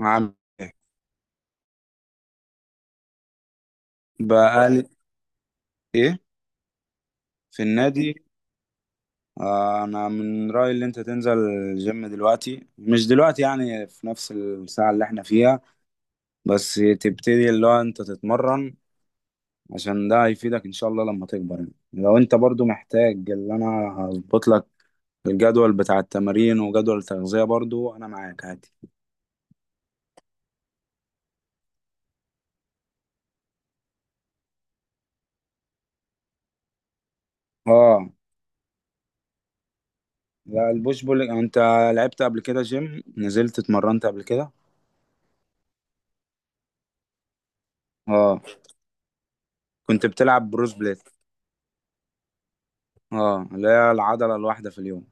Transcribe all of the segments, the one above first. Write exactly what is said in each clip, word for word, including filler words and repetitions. عامل ايه؟ بقالي. ايه؟ في النادي. آه انا من رأيي اللي انت تنزل الجيم دلوقتي، مش دلوقتي يعني في نفس الساعة اللي احنا فيها، بس تبتدي اللي هو انت تتمرن، عشان ده هيفيدك ان شاء الله لما تكبر يعني. لو انت برضو محتاج، اللي انا هظبط لك الجدول بتاع التمارين وجدول التغذية، برضو انا معاك عادي. اه. لا، البوش بول، انت لعبت قبل كده جيم، نزلت اتمرنت قبل كده؟ اه، كنت بتلعب بروس بليت؟ اه، اللي هي العضلة الواحدة في اليوم.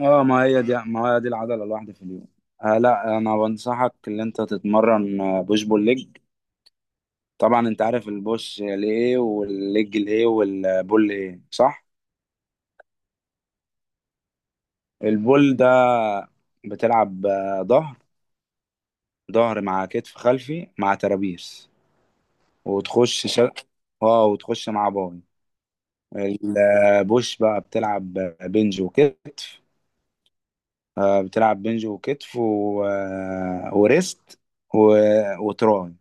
اه، ما هي دي ما هي دي العضلة الواحدة في اليوم. آه لا، انا بنصحك ان انت تتمرن آه، بوش بول ليج. طبعا انت عارف البوش ليه والليج ليه والبول ليه، صح؟ البول ده بتلعب آه، ظهر ظهر مع كتف خلفي مع ترابيس، وتخش شل... اه وتخش مع باي. البوش بقى بتلعب بنج وكتف، آه، بتلعب بنج وكتف و... آه، وريست و... وتراي.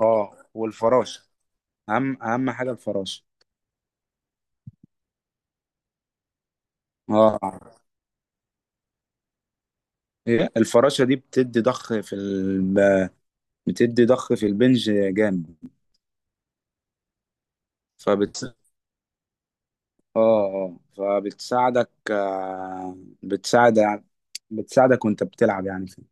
اه، والفراشه، اهم اهم حاجه الفراشه. اه. إيه؟ الفراشه دي بتدي ضخ في ال... بتدي ضخ في البنج جامد. فبت اه اه فبتساعدك، آه، بتساعد بتساعدك وانت بتلعب يعني فيه.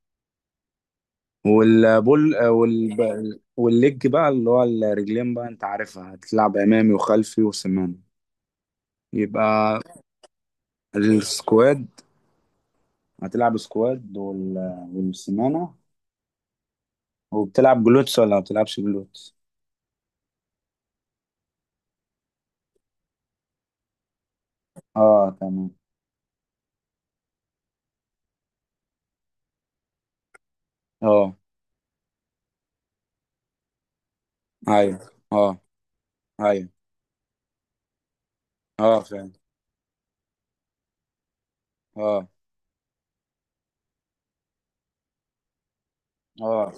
والبول، آه، وال... والليج بقى اللي هو الرجلين، بقى انت عارفها، هتلعب امامي وخلفي وسماني. يبقى السكواد، هتلعب سكواد وال- والسمانة. وبتلعب جلوتس ولا ما بتلعبش جلوتس؟ اه، تمام. اه، ايوه. اه، ايوه. اه، فعلا. اه، اه.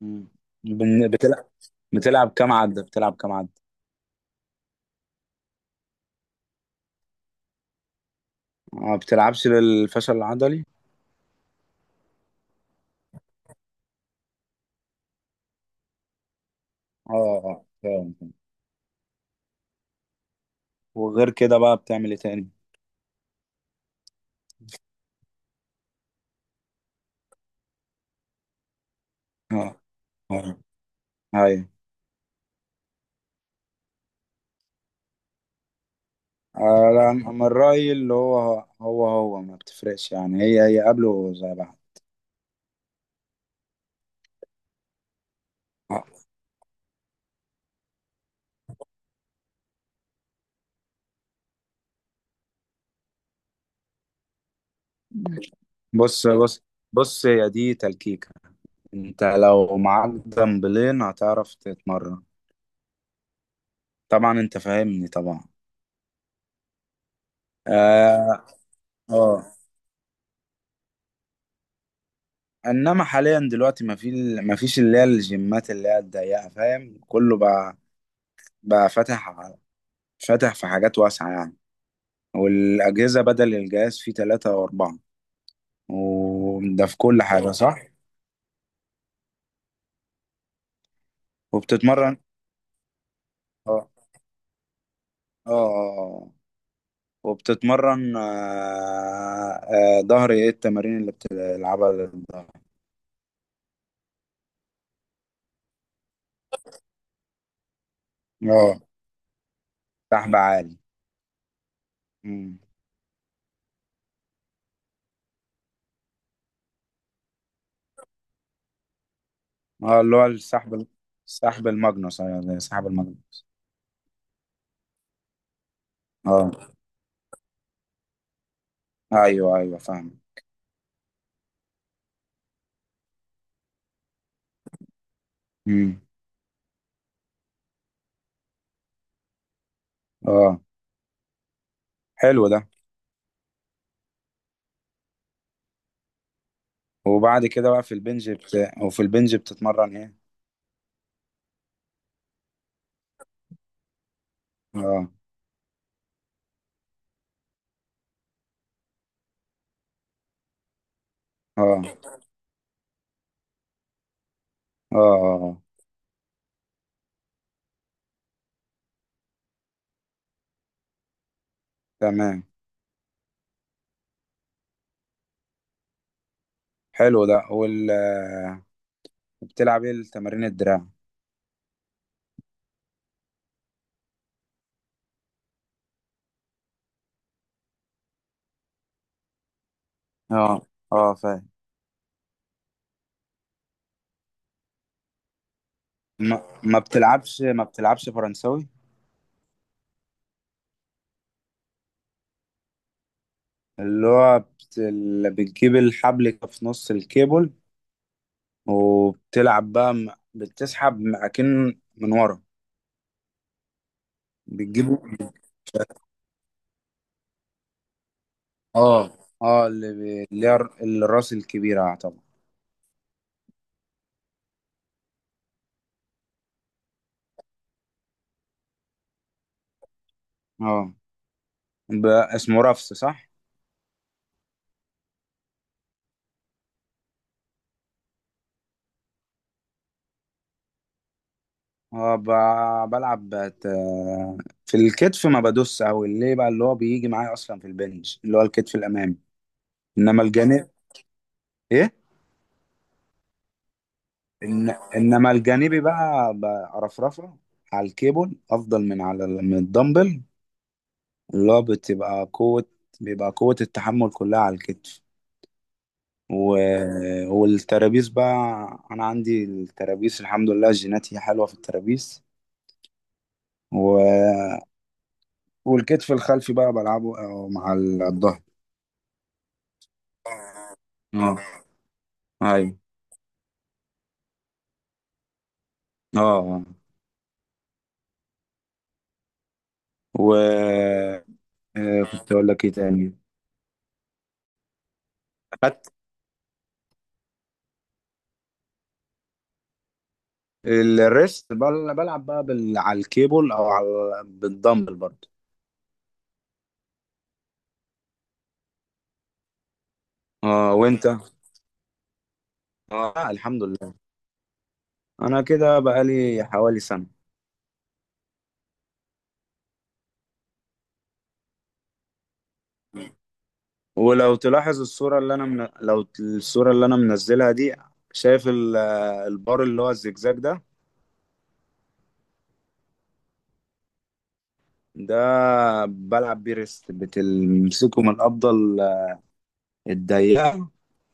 مم. بن- بتلعب بتلعب كام عدة، بتلعب كام عدة؟ آه، ما بتلعبش للفشل العضلي؟ اه، اه، فعلا، فعلا. وغير كده بقى بتعمل ايه تاني؟ اه، اه، ايوه. آه، لا، انا من رأيي اللي هو هو هو ما بتفرقش يعني، هي هي قبله زي بعض. آه. بص، بص، بص يا دي تلكيكة، انت لو معاك دمبلين هتعرف تتمرن، طبعا انت فاهمني، طبعا. اه، اه. انما حاليا دلوقتي ما في ما فيش اللي هي الجيمات اللي هي الضيقه، فاهم، كله بقى، بقى فاتح ع- فاتح في حاجات واسعه يعني، والاجهزه بدل الجهاز فيه ثلاثة او اربعة، وده في كل حاجه، صح؟ وبتتمرن. اه، اه، اه. وبتتمرن آه آه ظهر، ايه التمارين اللي بتلعبها للظهر؟ اه، سحب عالي. مم. اه، اللي هو السحب، السحب الماجنوس، ايوه زي سحب الماجنوس. اه، ايوه، ايوه، فاهم. امم. اه، حلو ده. وبعد كده بقى في البنج بت... وفي البنج بتتمرن ايه؟ اه، اه، اه، آه. آه. تمام. حلو ده وال بتلعب ايه التمارين الدراع؟ اه، اه، فاهم. ما... ما بتلعبش ما بتلعبش فرنساوي؟ اللي هو بت... اللي بتجيب الحبل في نص الكيبل، وبتلعب بقى م- بتسحب معاكين من ورا، بتجيبه. اه، اه، اللي بي- اللي هي الر- الراس الكبيرة طبعا. اه، ب- اسمه رفس، صح؟ اه، ب- بلعب بت... في الكتف ما بدوس قوي ليه بقى، اللي هو بيجي معايا اصلا في البنش، اللي هو الكتف الامامي، انما الجانب. ايه؟ إن... انما الجانبي بقى برفرفه، على الكيبل افضل من على ال- من الدمبل، اللي هو بتبقى قوة بيبقى قوة التحمل كلها على الكتف. و- والترابيز بقى، انا عندي الترابيز الحمد لله، جيناتي حلوه في الترابيز. و... والكتف الخلفي بقى بلعبه آه، مع الظهر. اه، ايوه. اه، آه. و آه، كنت اقول لك ايه تاني؟ خدت. الريست، بل... بلعب بقى بال... على الكيبل او على بالدمبل برضه. اه، وانت. اه، الحمد لله، انا كده بقالي حوالي سنه. ولو تلاحظ الصورة اللي أنا من... لو ت- الصورة اللي أنا منزلها دي، شايف ال- البار اللي هو الزجزاج ده. ده، بلعب بيه ريست، بتمسكه من الأفضل، الضيقة،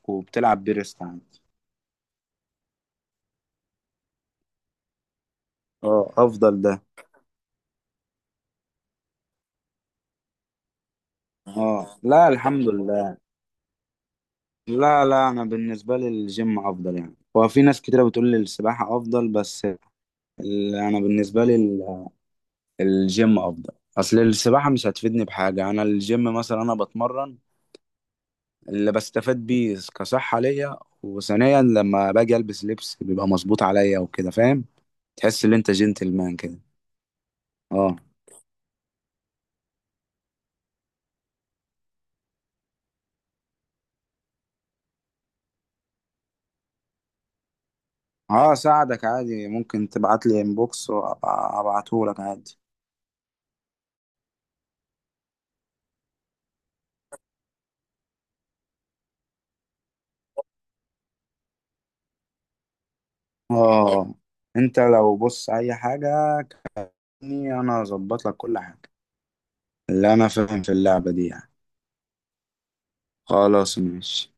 وبتلعب بيه ريست عندي. اه، أفضل ده. اه، لا، الحمد لله. لا، لا، أنا بالنسبة لي الجيم أفضل يعني، هو في ناس كتيرة بتقول لي السباحة أفضل، بس ال- أنا بالنسبة لي ال- الجيم أفضل، أصل السباحة مش هتفيدني بحاجة، أنا الجيم مثلا، أنا بتمرن اللي بستفاد بيه كصحة ليا، وثانيا لما باجي البس لبس بيبقى مظبوط عليا وكده، فاهم. تحس ان انت جنتلمان كده. اه. اه، اساعدك عادي، ممكن تبعت لي انبوكس وابعته لك عادي. اه، انت لو بص اي حاجة، كني انا اظبط لك كل حاجة، اللي انا فاهم في اللعبة دي يعني. خلاص، ماشي.